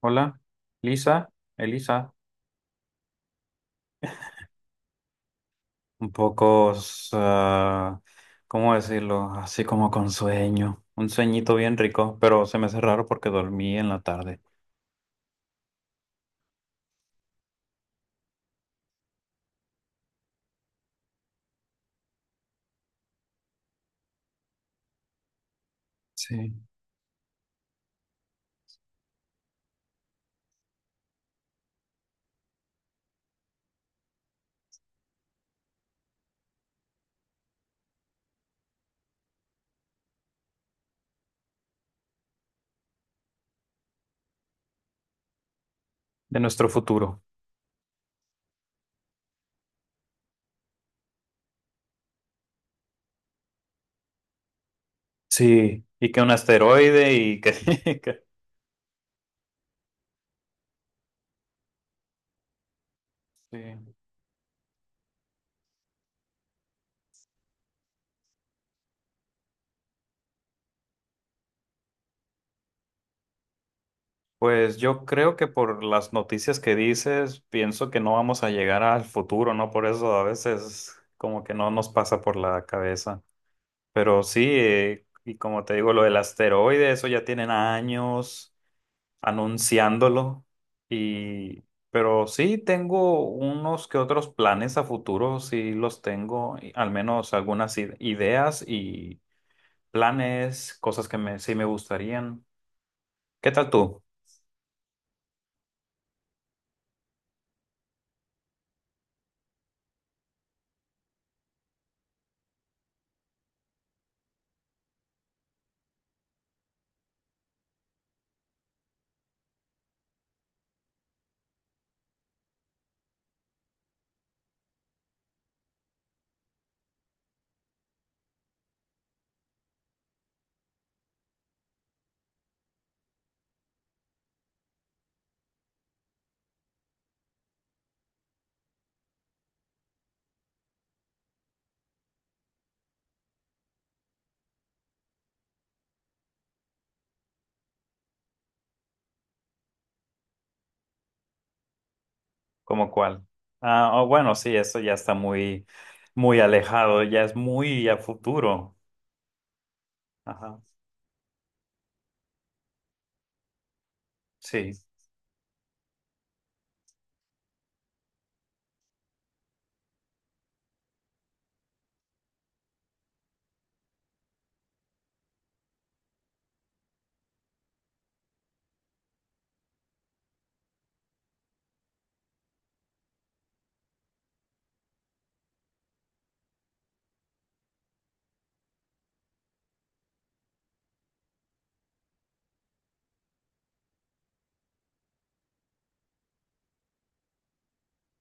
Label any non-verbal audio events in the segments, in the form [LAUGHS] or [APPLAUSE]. Hola, Lisa, Elisa, un poco, ah, ¿cómo decirlo? Así como con sueño, un sueñito bien rico, pero se me hace raro porque dormí en la tarde. Sí. De nuestro futuro. Sí, y que un asteroide y que... [LAUGHS] que- sí. Pues yo creo que por las noticias que dices, pienso que no vamos a llegar al futuro, ¿no? Por eso a veces como que no nos pasa por la cabeza. Pero sí, y como te digo, lo del asteroide, eso ya tienen años anunciándolo. Y, pero sí tengo unos que otros planes a futuro, sí los tengo, y al menos algunas ideas y planes, cosas que me, sí me gustarían. ¿Qué tal tú? ¿Cómo cuál? Ah, oh, bueno, sí, eso ya está muy, muy alejado, ya es muy a futuro. Ajá, sí,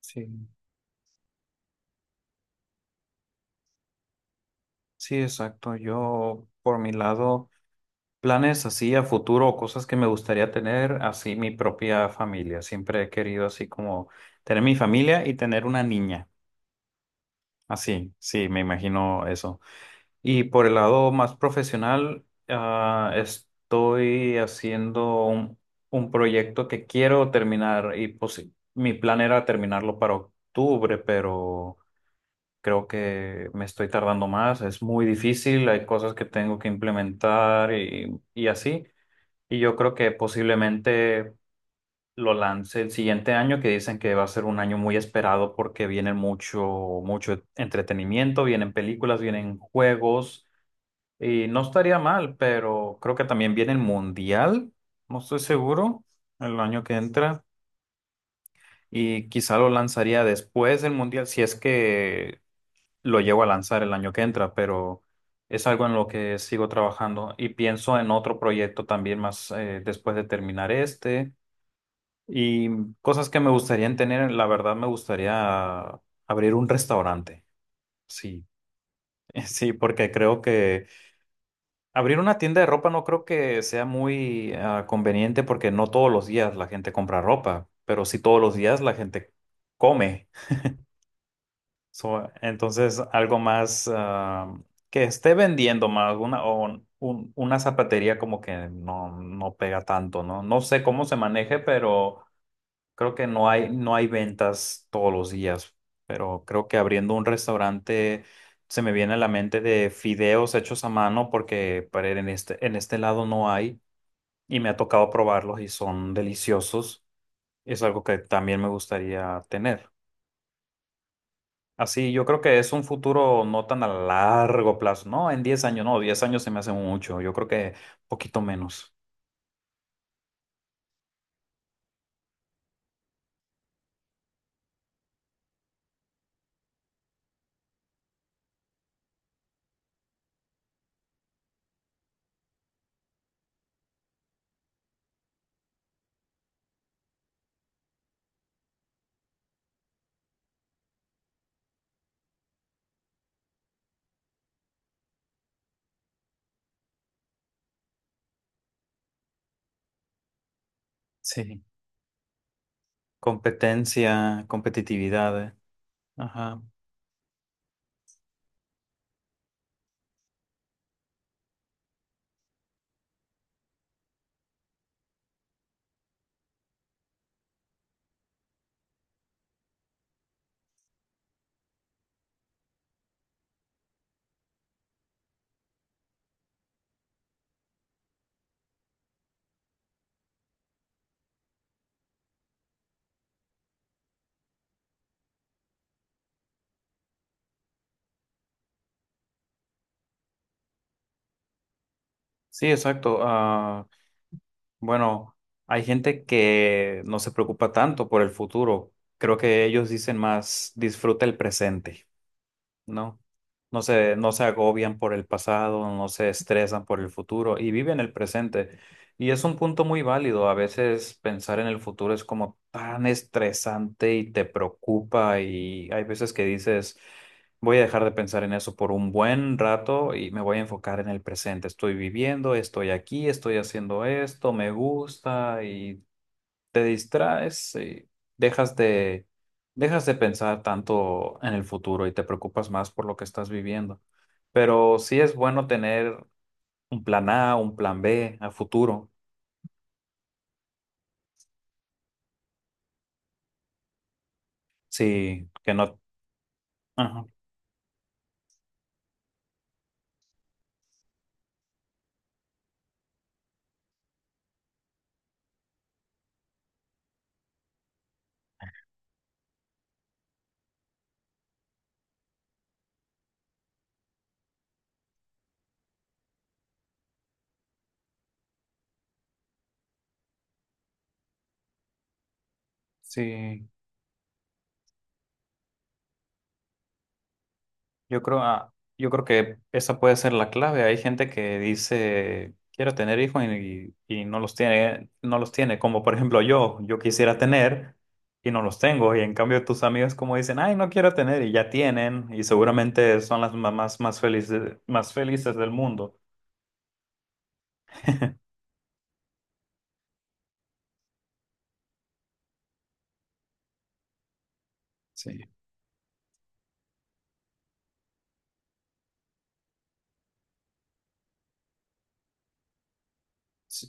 sí, sí, exacto. Yo, por mi lado. Planes así a futuro o cosas que me gustaría tener, así mi propia familia. Siempre he querido así como tener mi familia y tener una niña. Así, sí, me imagino eso. Y por el lado más profesional, ah, estoy haciendo un proyecto que quiero terminar y pues mi plan era terminarlo para octubre, pero creo que me estoy tardando más. Es muy difícil, hay cosas que tengo que implementar y así. Y yo creo que posiblemente lo lance el siguiente año, que dicen que va a ser un año muy esperado porque viene mucho, mucho entretenimiento, vienen películas, vienen juegos, y no estaría mal, pero creo que también viene el Mundial, no estoy seguro, el año que entra, y quizá lo lanzaría después del Mundial, si es que lo llevo a lanzar el año que entra, pero es algo en lo que sigo trabajando y pienso en otro proyecto también más después de terminar este. Y cosas que me gustaría tener, la verdad me gustaría abrir un restaurante. Sí, [LAUGHS] sí, porque creo que abrir una tienda de ropa no creo que sea muy conveniente porque no todos los días la gente compra ropa, pero sí todos los días la gente come. So, entonces, algo más que esté vendiendo más, una, o una zapatería como que no, no pega tanto, ¿no? No sé cómo se maneje, pero... Creo que no hay, no hay ventas todos los días, pero creo que abriendo un restaurante se me viene a la mente de fideos hechos a mano porque para en este lado no hay y me ha tocado probarlos y son deliciosos. Es algo que también me gustaría tener. Así, yo creo que es un futuro no tan a largo plazo, no en 10 años, no, 10 años se me hace mucho, yo creo que poquito menos. Sí. Competencia, competitividad, eh. Ajá. Sí, exacto. Ah, bueno, hay gente que no se preocupa tanto por el futuro. Creo que ellos dicen más, disfruta el presente. No, no se agobian por el pasado, no se estresan por el futuro y viven el presente. Y es un punto muy válido. A veces pensar en el futuro es como tan estresante y te preocupa y hay veces que dices, voy a dejar de pensar en eso por un buen rato y me voy a enfocar en el presente. Estoy viviendo, estoy aquí, estoy haciendo esto, me gusta y te distraes y dejas de, dejas de pensar tanto en el futuro y te preocupas más por lo que estás viviendo. Pero sí es bueno tener un plan A, un plan B a futuro. Sí, que no, ajá, sí, yo creo, yo creo que esa puede ser la clave. Hay gente que dice, quiero tener hijos y no los tiene, no los tiene. Como por ejemplo yo, yo quisiera tener y no los tengo. Y en cambio tus amigos como dicen, ay, no quiero tener y ya tienen. Y seguramente son las mamás más felices del mundo. Sí. Sí.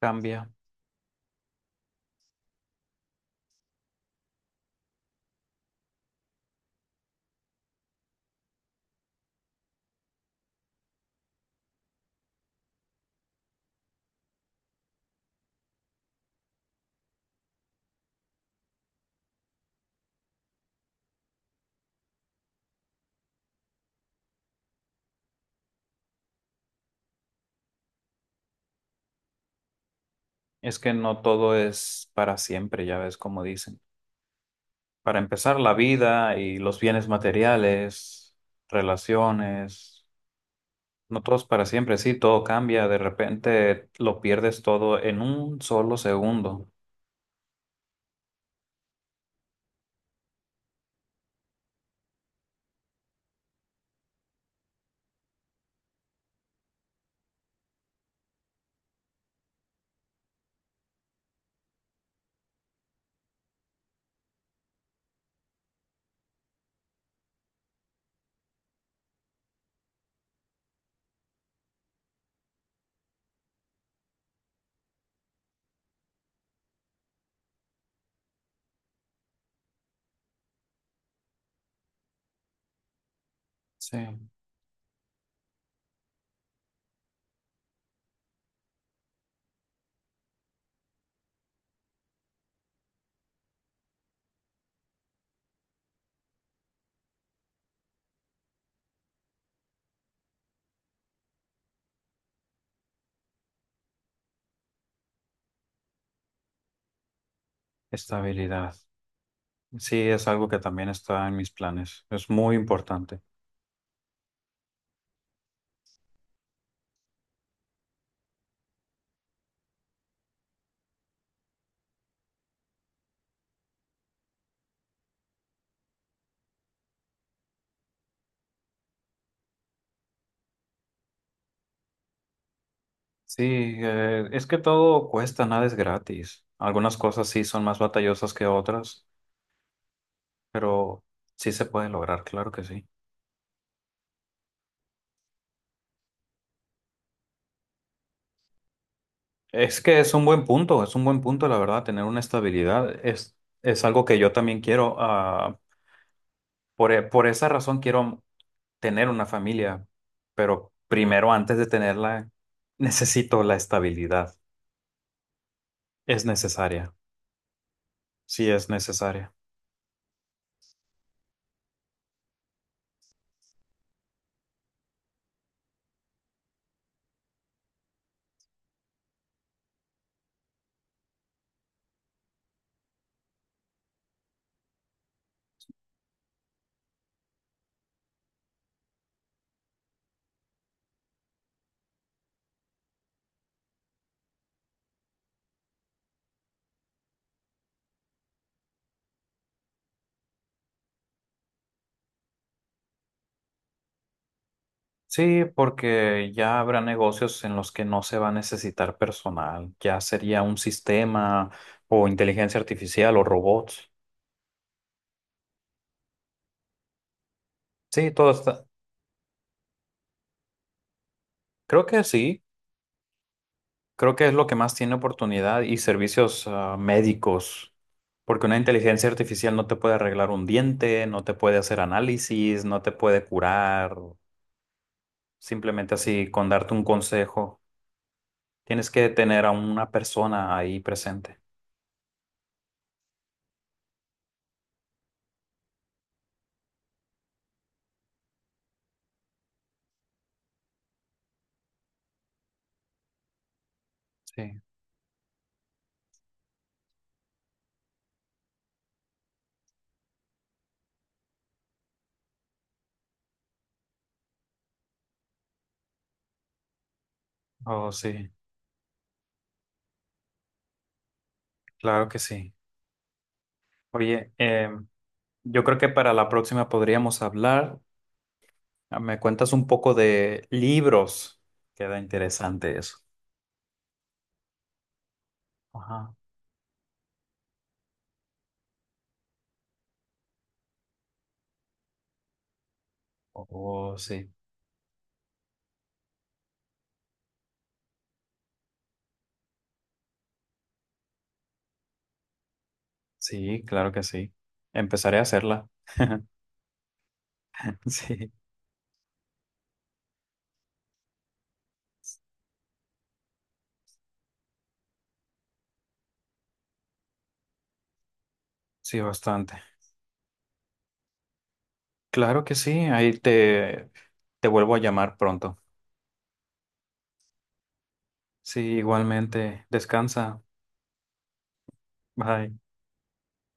Cambia. Es que no todo es para siempre, ya ves como dicen. Para empezar, la vida y los bienes materiales, relaciones. No todos para siempre, sí, todo cambia, de repente lo pierdes todo en un solo segundo. Sí, estabilidad. Sí, es algo que también está en mis planes, es muy importante. Sí, es que todo cuesta, nada es gratis. Algunas cosas sí son más batallosas que otras, pero sí se puede lograr, claro que sí. Es que es un buen punto, es un buen punto, la verdad, tener una estabilidad es algo que yo también quiero. Por, por esa razón quiero tener una familia, pero primero antes de tenerla, necesito la estabilidad. Es necesaria, sí es necesaria. Sí, porque ya habrá negocios en los que no se va a necesitar personal, ya sería un sistema o inteligencia artificial o robots. Sí, todo está. Creo que sí, creo que es lo que más tiene oportunidad y servicios médicos, porque una inteligencia artificial no te puede arreglar un diente, no te puede hacer análisis, no te puede curar. Simplemente así, con darte un consejo, tienes que tener a una persona ahí presente. Sí, oh sí, claro que sí. Oye, yo creo que para la próxima podríamos hablar. Ah, me cuentas un poco de libros. Queda interesante eso. Ajá. Oh, sí. Sí, claro que sí. Empezaré a hacerla. [LAUGHS] Sí, sí, bastante. Claro que sí. Ahí te, te vuelvo a llamar pronto. Sí, igualmente. Descansa. Bye.